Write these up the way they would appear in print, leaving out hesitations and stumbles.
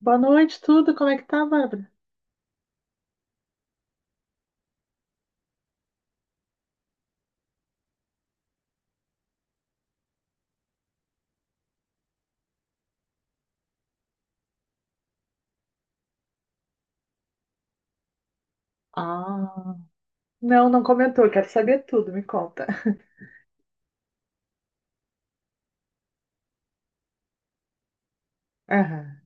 Boa noite, tudo. Como é que tá, Bárbara? Ah, não, não comentou. Quero saber tudo, me conta. Aham.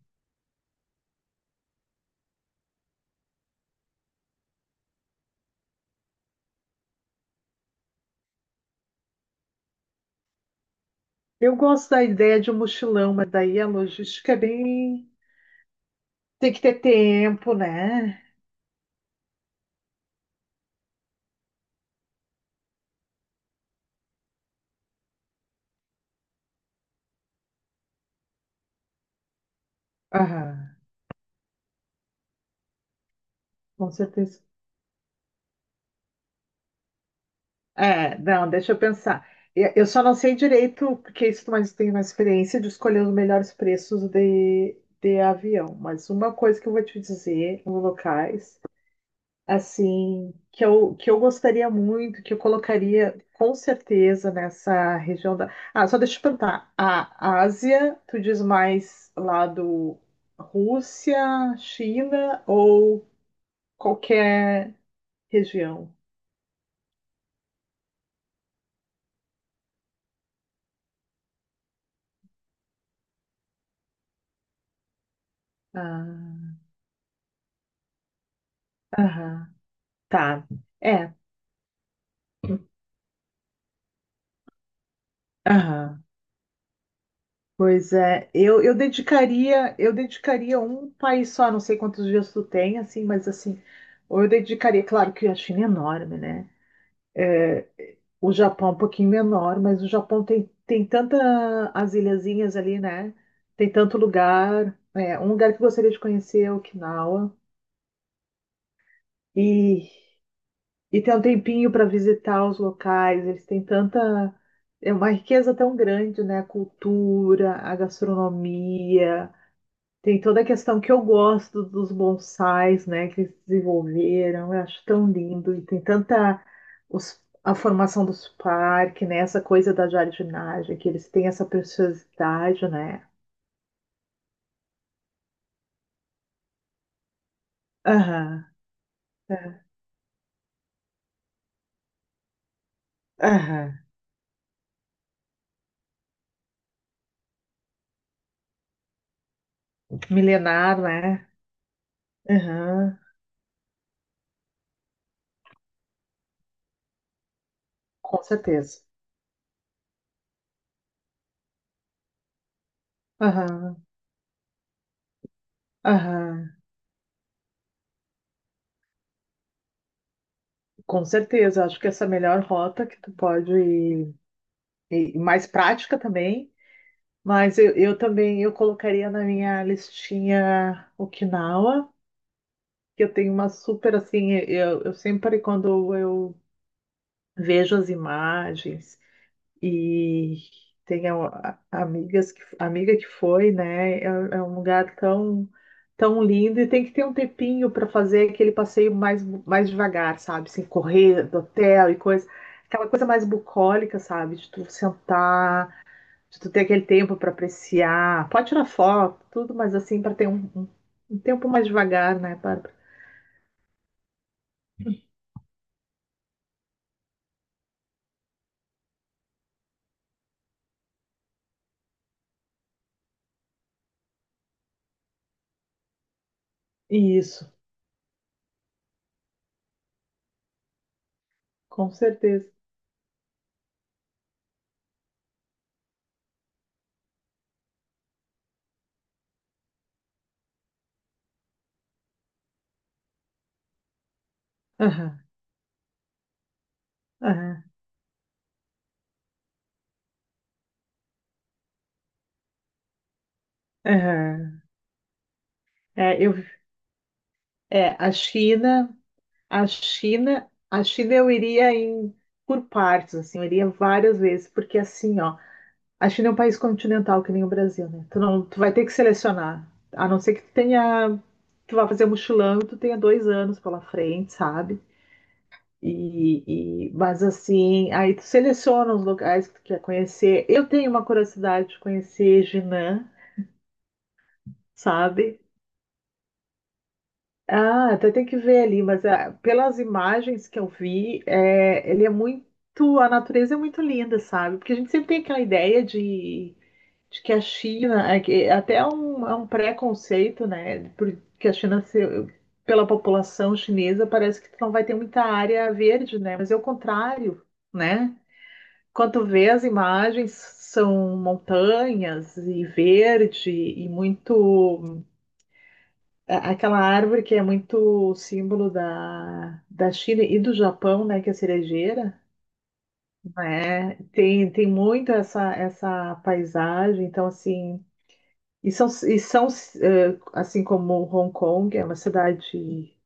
Eu gosto da ideia de um mochilão, mas daí a logística é bem. Tem que ter tempo, né? Aham, com certeza. É, não, deixa eu pensar. Eu só não sei direito, porque isso mais tem uma experiência de escolher os melhores preços de avião. Mas uma coisa que eu vou te dizer, os locais. Assim, que eu gostaria muito, que eu colocaria com certeza nessa região da. Ah, só deixa eu te perguntar. A Ásia, tu diz mais lá do Rússia, China ou qualquer região? Ah, aham, tá. É, aham. Pois é, eu dedicaria um país só, não sei quantos dias tu tem, assim, mas assim, ou eu dedicaria, claro que a China é enorme, né? É, o Japão é um pouquinho menor, mas o Japão tem, tem tanta as ilhazinhas ali, né? Tem tanto lugar. É, um lugar que eu gostaria de conhecer é Okinawa. E, e tem um tempinho para visitar os locais. Eles têm tanta. É uma riqueza tão grande, né? A cultura, a gastronomia. Tem toda a questão que eu gosto dos bonsais, né, que eles desenvolveram, eu acho tão lindo, e tem tanta a formação dos parques, né, essa coisa da jardinagem, que eles têm essa preciosidade, né? Aham, é, aham. Milenar, né? Aham, com certeza. Aham, aham, com certeza. Acho que essa é a melhor rota que tu pode ir, e mais prática também. Mas eu também eu colocaria na minha listinha Okinawa, que eu tenho uma super assim, eu sempre quando eu vejo as imagens e tenho amigas que, amiga que foi, né? É, é um lugar tão tão lindo e tem que ter um tempinho para fazer aquele passeio mais mais devagar, sabe? Sem correr do hotel e coisa, aquela coisa mais bucólica, sabe? De tu sentar de tu ter aquele tempo para apreciar. Pode tirar foto, tudo, mas assim, para ter um tempo mais devagar, né, Bárbara? Isso, com certeza. Aham, aham, aham. É, eu, é, a China eu iria em, por partes, assim, eu iria várias vezes, porque assim, ó, a China é um país continental que nem o Brasil, né? Tu não, tu vai ter que selecionar, a não ser que tu tenha, tu vá fazer mochilão e tu tenha 2 anos pela frente, sabe? Mas assim, aí tu seleciona os locais que tu quer conhecer. Eu tenho uma curiosidade de conhecer Jinan, sabe? Ah, até tem que ver ali, mas ah, pelas imagens que eu vi, é, ele é muito, a natureza é muito linda, sabe? Porque a gente sempre tem aquela ideia de que a China, até é um preconceito, né? Porque a China, pela população chinesa, parece que tu não vai ter muita área verde, né? Mas é o contrário, né? Quando vê as imagens, são montanhas e verde e muito. Aquela árvore que é muito símbolo da, da China e do Japão, né? Que é a cerejeira, né? Tem, tem muito essa, essa paisagem. Então, assim. E são assim como Hong Kong, é uma cidade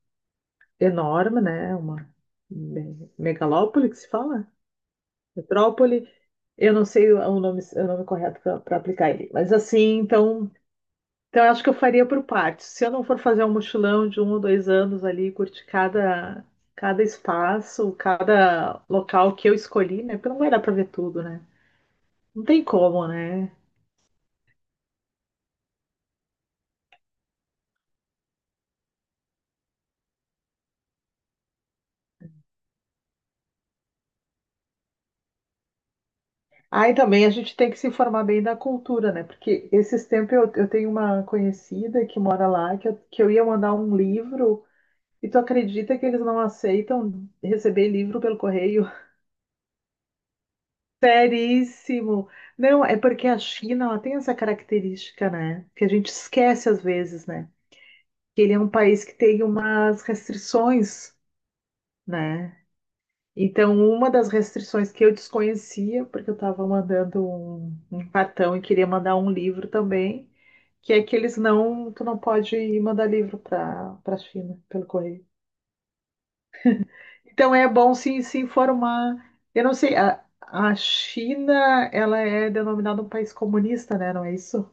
enorme, né? Uma megalópole que se fala? Metrópole. Eu não sei o nome correto para aplicar ele. Mas assim, então, então eu acho que eu faria por partes. Se eu não for fazer um mochilão de 1 ou 2 anos ali, curtir cada, cada espaço, cada local que eu escolhi, né? Porque não vai dar para ver tudo, né? Não tem como, né? Aí também a gente tem que se informar bem da cultura, né? Porque esses tempos eu tenho uma conhecida que mora lá, que eu ia mandar um livro, e tu acredita que eles não aceitam receber livro pelo correio? Seríssimo. Não, é porque a China, ela tem essa característica, né? Que a gente esquece às vezes, né? Que ele é um país que tem umas restrições, né? Então, uma das restrições que eu desconhecia, porque eu estava mandando um cartão e queria mandar um livro também, que é que eles não, tu não pode mandar livro para China pelo correio. Então, é bom se informar. Eu não sei, a China, ela é denominada um país comunista, né? Não é isso?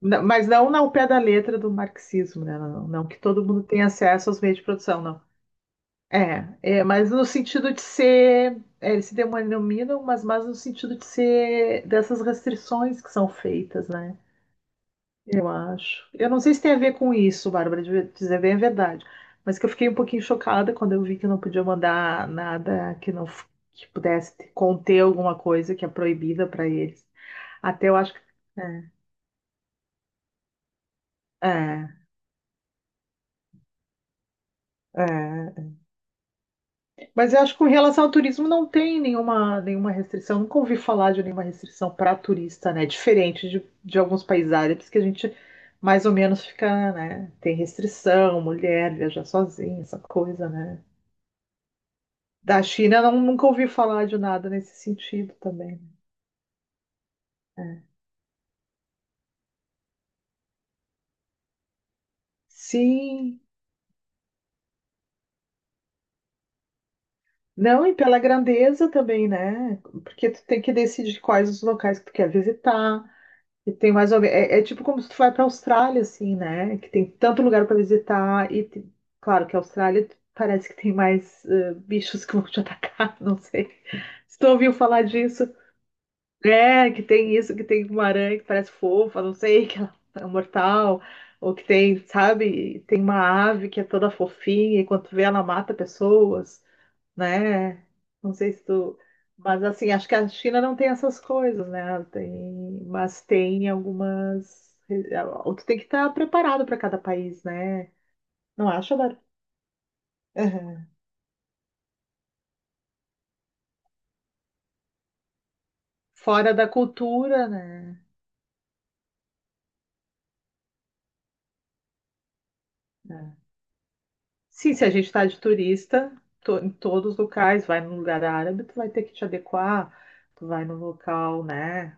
Não, mas não ao pé da letra do marxismo, né? Não, não que todo mundo tenha acesso aos meios de produção, não. É, é, mas no sentido de ser, é, eles se denominam, mas no sentido de ser dessas restrições que são feitas, né? Eu acho. Eu não sei se tem a ver com isso, Bárbara, de dizer bem a verdade, mas que eu fiquei um pouquinho chocada quando eu vi que não podia mandar nada que não f- que pudesse conter alguma coisa que é proibida para eles. Até eu acho que. É, é. É. Mas eu acho que com relação ao turismo não tem nenhuma, nenhuma restrição. Nunca ouvi falar de nenhuma restrição para turista, né? Diferente de alguns países árabes que a gente mais ou menos fica, né? Tem restrição, mulher viajar sozinha, essa coisa, né? Da China, não, nunca ouvi falar de nada nesse sentido também. Né? Sim. Não, e pela grandeza também, né? Porque tu tem que decidir quais os locais que tu quer visitar. E tem mais ou menos, é, é tipo como se tu vai para a Austrália, assim, né? Que tem tanto lugar para visitar e, claro, que a Austrália parece que tem mais bichos que vão te atacar, não sei. Se tu ouviu falar disso, é, que tem isso, que tem uma aranha que parece fofa, não sei, que ela é mortal, ou que tem, sabe, tem uma ave que é toda fofinha e quando tu vê ela mata pessoas né? Não sei se tu. Mas assim, acho que a China não tem essas coisas, né? Tem... Mas tem algumas. O Tu tem que estar preparado para cada país, né? Não acha, Bárbara? Aham. Fora da cultura, né? É. Sim, se a gente está de turista, em todos os locais, vai num lugar árabe, tu vai ter que te adequar, tu vai num local, né?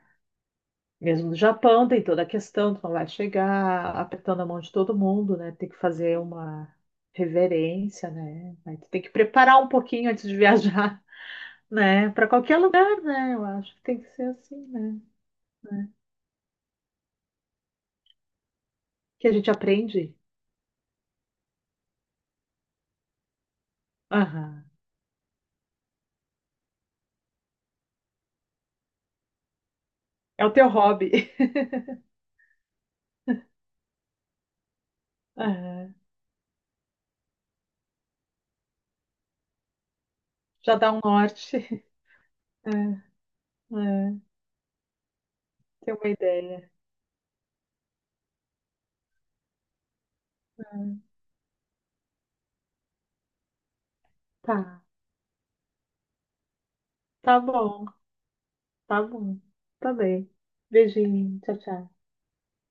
Mesmo no Japão, tem toda a questão, tu não vai chegar apertando a mão de todo mundo, né? Tem que fazer uma reverência, né? Aí tu tem que preparar um pouquinho antes de viajar, né? Para qualquer lugar, né? Eu acho que tem que ser assim, né? Que a gente aprende. Aham. É o teu hobby. Aham. Já dá um norte. É, é. Tem uma ideia. Tá. Tá bom. Tá bom. Tá bem. Beijinho. Tchau, tchau.